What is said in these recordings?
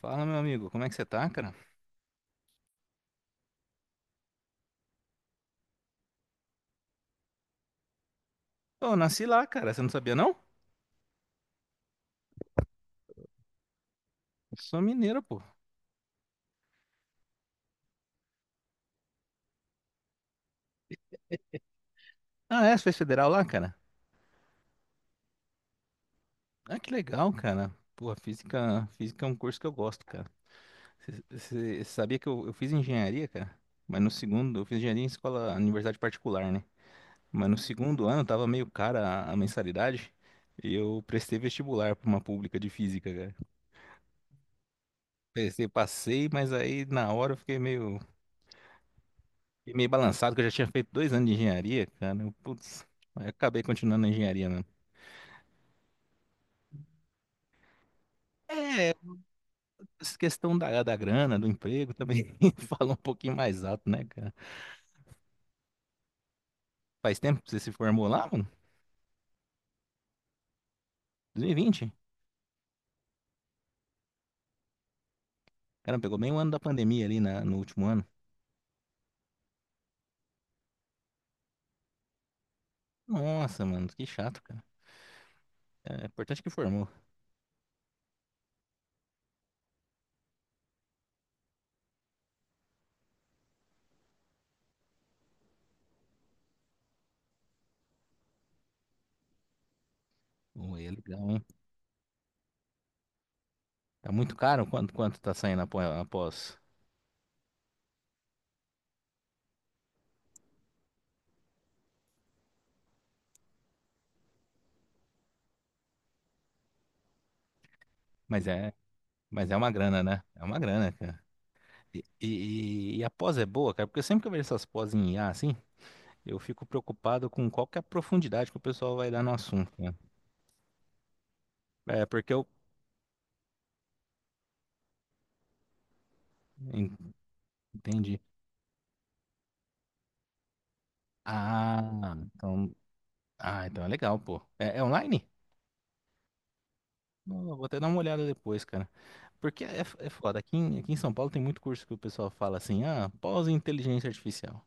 Fala, meu amigo, como é que você tá, cara? Pô, eu nasci lá, cara, você não sabia, não? Eu sou mineiro, pô. Ah, é? Você fez federal lá, cara? Ah, que legal, cara. Pô, física é um curso que eu gosto, cara. Você sabia que eu fiz engenharia, cara? Mas no segundo, eu fiz engenharia em escola, universidade particular, né? Mas no segundo ano tava meio cara a mensalidade e eu prestei vestibular pra uma pública de física, cara. Prestei, passei, mas aí na hora eu fiquei meio. Fiquei meio balançado, que eu já tinha feito dois anos de engenharia, cara. Eu, putz, aí acabei continuando na engenharia, né? É, essa questão da grana, do emprego também fala um pouquinho mais alto, né, cara? Faz tempo que você se formou lá, mano? 2020. Cara, pegou bem o ano da pandemia ali na, no último ano. Nossa, mano, que chato, cara. É, é importante que formou. Pô, é legal, hein? Tá muito caro? Quanto tá saindo após, após? Mas é, mas é uma grana, né? É uma grana, cara. E a pós é boa, cara, porque eu sempre que eu vejo essas pós em IA, assim. Eu fico preocupado com qual que é a profundidade que o pessoal vai dar no assunto, né? É, porque eu en- entendi. Ah, então, ah, então é legal, pô. É, é online? Não, eu vou até dar uma olhada depois, cara. Porque é, é foda. Aqui em São Paulo tem muito curso que o pessoal fala assim: ah, pós em inteligência artificial.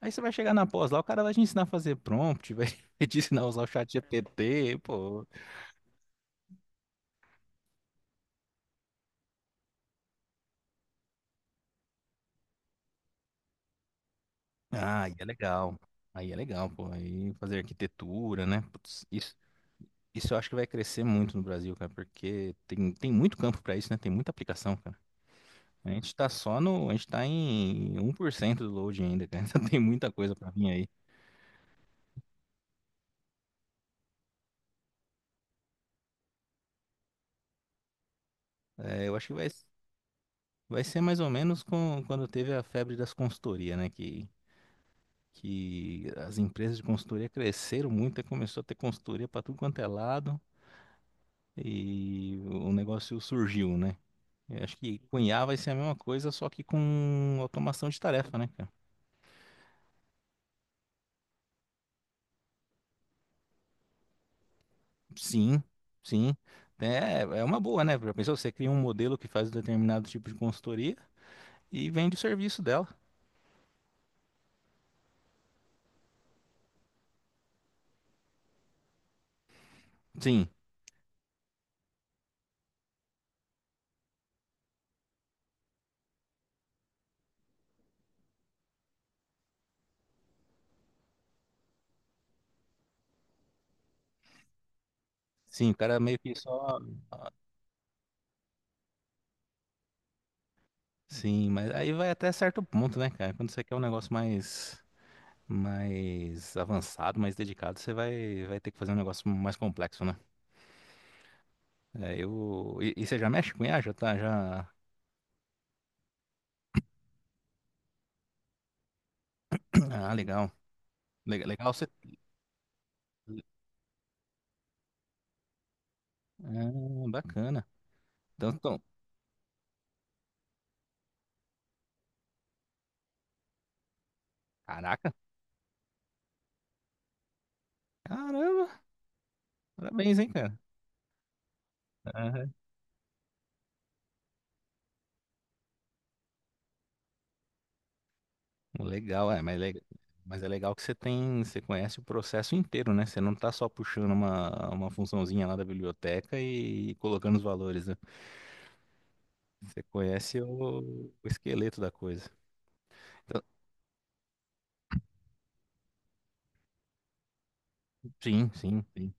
Aí você vai chegar na pós lá, o cara vai te ensinar a fazer prompt, vai te ensinar a usar o chat GPT, pô. Ah, aí é legal. Aí é legal, pô. Aí fazer arquitetura, né? Putz, isso. Isso eu acho que vai crescer muito no Brasil, cara, porque tem muito campo pra isso, né? Tem muita aplicação, cara. A gente tá só no. A gente tá em 1% do load ainda, cara. Então tem muita coisa pra vir aí. É, eu acho que vai, vai ser mais ou menos com, quando teve a febre das consultorias, né? Que as empresas de consultoria cresceram muito e começou a ter consultoria pra tudo quanto é lado e o negócio surgiu, né? Eu acho que com IA vai ser a mesma coisa, só que com automação de tarefa, né, cara? Sim, sim. É, é uma boa, né? Já pensou? Você cria um modelo que faz um determinado tipo de consultoria e vende o serviço dela. Sim, sim, o cara meio que só. Sim, mas aí vai até certo ponto, né, cara? Quando você quer um negócio mais, mais avançado, mais dedicado, você vai, vai ter que fazer um negócio mais complexo, né? É, eu... e você já mexe com IA? Já tá, já. Ah, legal. Legal você. Ah, bacana. Então, então, caraca, caramba, parabéns, hein, cara. Legal, é, mas, mas é legal que você tem, você conhece o processo inteiro, né? Você não tá só puxando uma funçãozinha lá da biblioteca e colocando os valores, né? Você conhece o esqueleto da coisa. Então, sim,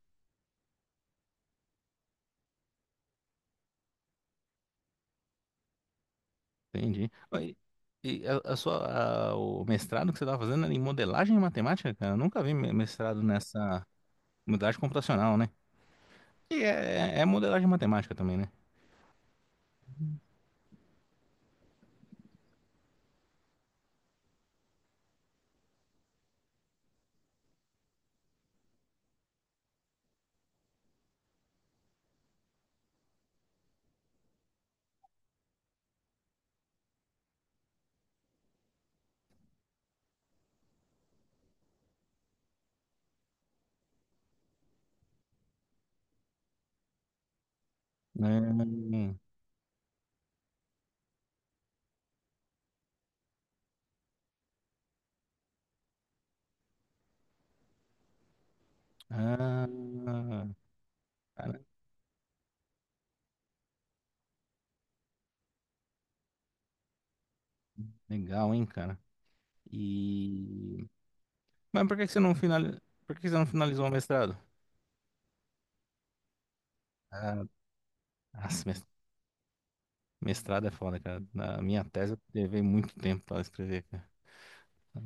entendi. Ó, e a sua, o mestrado que você estava fazendo era em modelagem e matemática, cara? Eu nunca vi mestrado nessa modelagem computacional, né? E é, é modelagem matemática também, né? Hum, ah, cara, legal, hein, cara? E... Mas por que que você não finali... por que que você não finalizou o mestrado? Ah, nossa, mestrado é foda, cara. Na minha tese eu levei muito tempo para escrever, cara.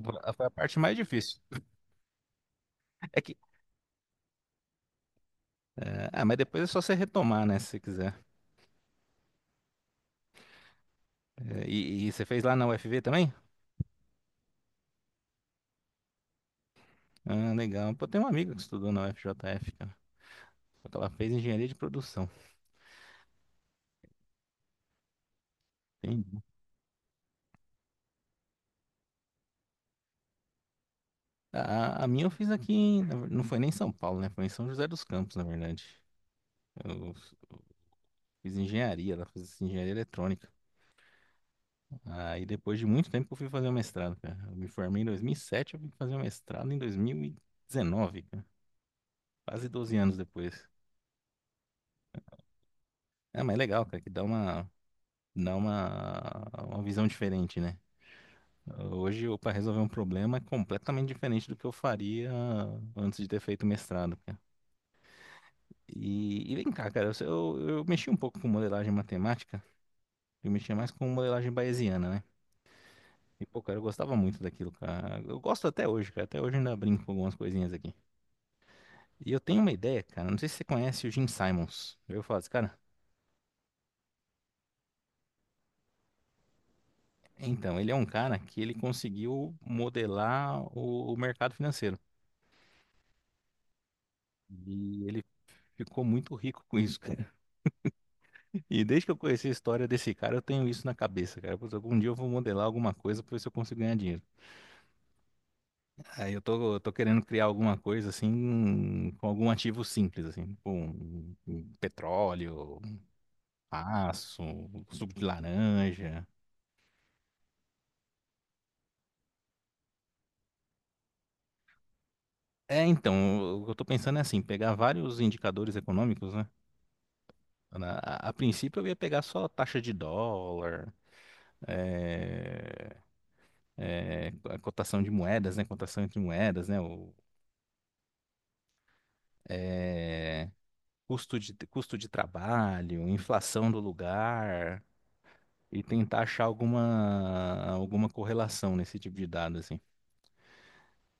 Foi a parte mais difícil. É que... é, ah, mas depois é só você retomar, né, se você quiser. É, e você fez lá na UFV também? Ah, legal. Pô, tem uma amiga que estudou na UFJF, cara. Só que ela fez engenharia de produção. Entendi. A, a minha eu fiz aqui, na não foi nem em São Paulo, né? Foi em São José dos Campos, na verdade. Eu fiz engenharia, ela fez engenharia eletrônica. Aí depois de muito tempo que eu fui fazer o mestrado, cara. Eu me formei em 2007, eu fui fazer o mestrado em 2019, cara. Quase 12 anos depois. É, mas é legal, cara, que dá uma visão diferente, né? Hoje, eu para resolver um problema é completamente diferente do que eu faria antes de ter feito o mestrado, cara. E vem cá, cara, eu mexi um pouco com modelagem matemática, eu mexia mais com modelagem bayesiana, né? E, pô, cara, eu gostava muito daquilo, cara. Eu gosto até hoje, cara. Até hoje eu ainda brinco com algumas coisinhas aqui. E eu tenho uma ideia, cara. Não sei se você conhece o Jim Simons. Eu falo assim, cara. Então, ele é um cara que ele conseguiu modelar o mercado financeiro. E ele ficou muito rico com isso, cara. E desde que eu conheci a história desse cara, eu tenho isso na cabeça, cara. Putz, algum dia eu vou modelar alguma coisa pra ver se eu consigo ganhar dinheiro. Aí eu tô querendo criar alguma coisa assim, com algum ativo simples, assim, tipo um, um petróleo, um aço, um suco de laranja. É, então, o que eu tô pensando é assim, pegar vários indicadores econômicos, né? A princípio eu ia pegar só taxa de dólar, é, é, a cotação de moedas, né? Cotação entre moedas, né? O, é, custo de trabalho, inflação do lugar, e tentar achar alguma, alguma correlação nesse tipo de dado, assim.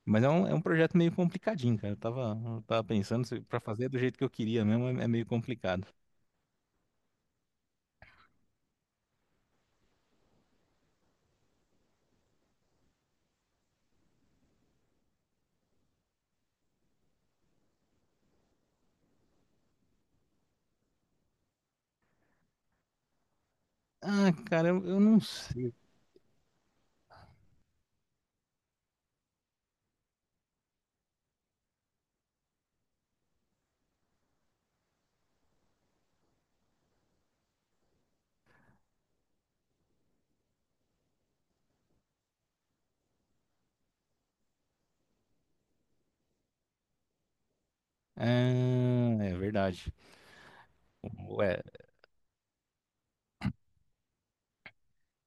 Mas é um projeto meio complicadinho, cara. Eu tava pensando, pra fazer do jeito que eu queria mesmo, é, é meio complicado. Ah, cara, eu não sei. Ah, é verdade. Ué,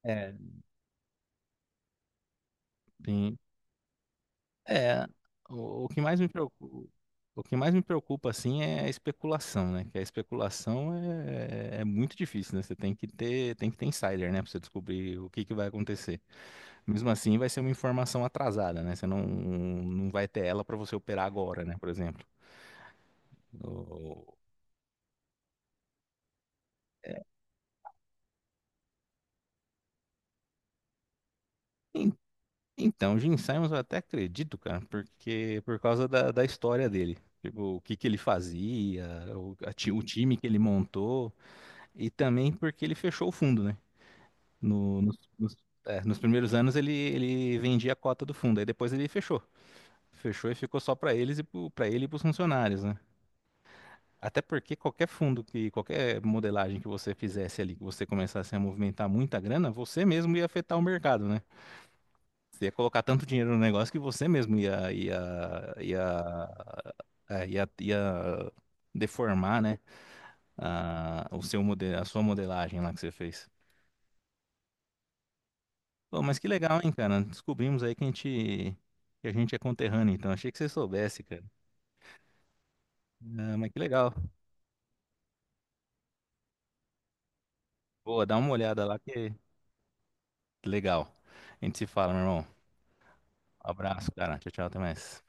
é, bem, é, o que mais me preocupa, o que mais me preocupa, assim, é a especulação, né? Que a especulação é, é muito difícil, né? Você tem que ter insider, né? Pra você descobrir o que que vai acontecer. Mesmo assim, vai ser uma informação atrasada, né? Você não, não vai ter ela para você operar agora, né? Por exemplo. O- Então, Gene Simons eu até acredito, cara, porque por causa da, da história dele. Tipo, o que que ele fazia, o, o time que ele montou, e também porque ele fechou o fundo, né? No- nos, nos- Nos primeiros anos ele, ele vendia a cota do fundo, aí depois ele fechou. Fechou e ficou só para eles e para ele e para os funcionários, né? Até porque qualquer fundo que, qualquer modelagem que você fizesse ali, que você começasse a movimentar muita grana, você mesmo ia afetar o mercado, né? Você ia colocar tanto dinheiro no negócio que você mesmo ia, ia deformar, né? A, o seu modelo, a sua modelagem lá que você fez. Pô, mas que legal, hein, cara? Descobrimos aí que a gente é conterrâneo, então achei que você soubesse, cara. Ah, mas que legal. Boa, dá uma olhada lá que legal. A gente se fala, meu irmão. Abraço, cara. Tchau, tchau, até mais.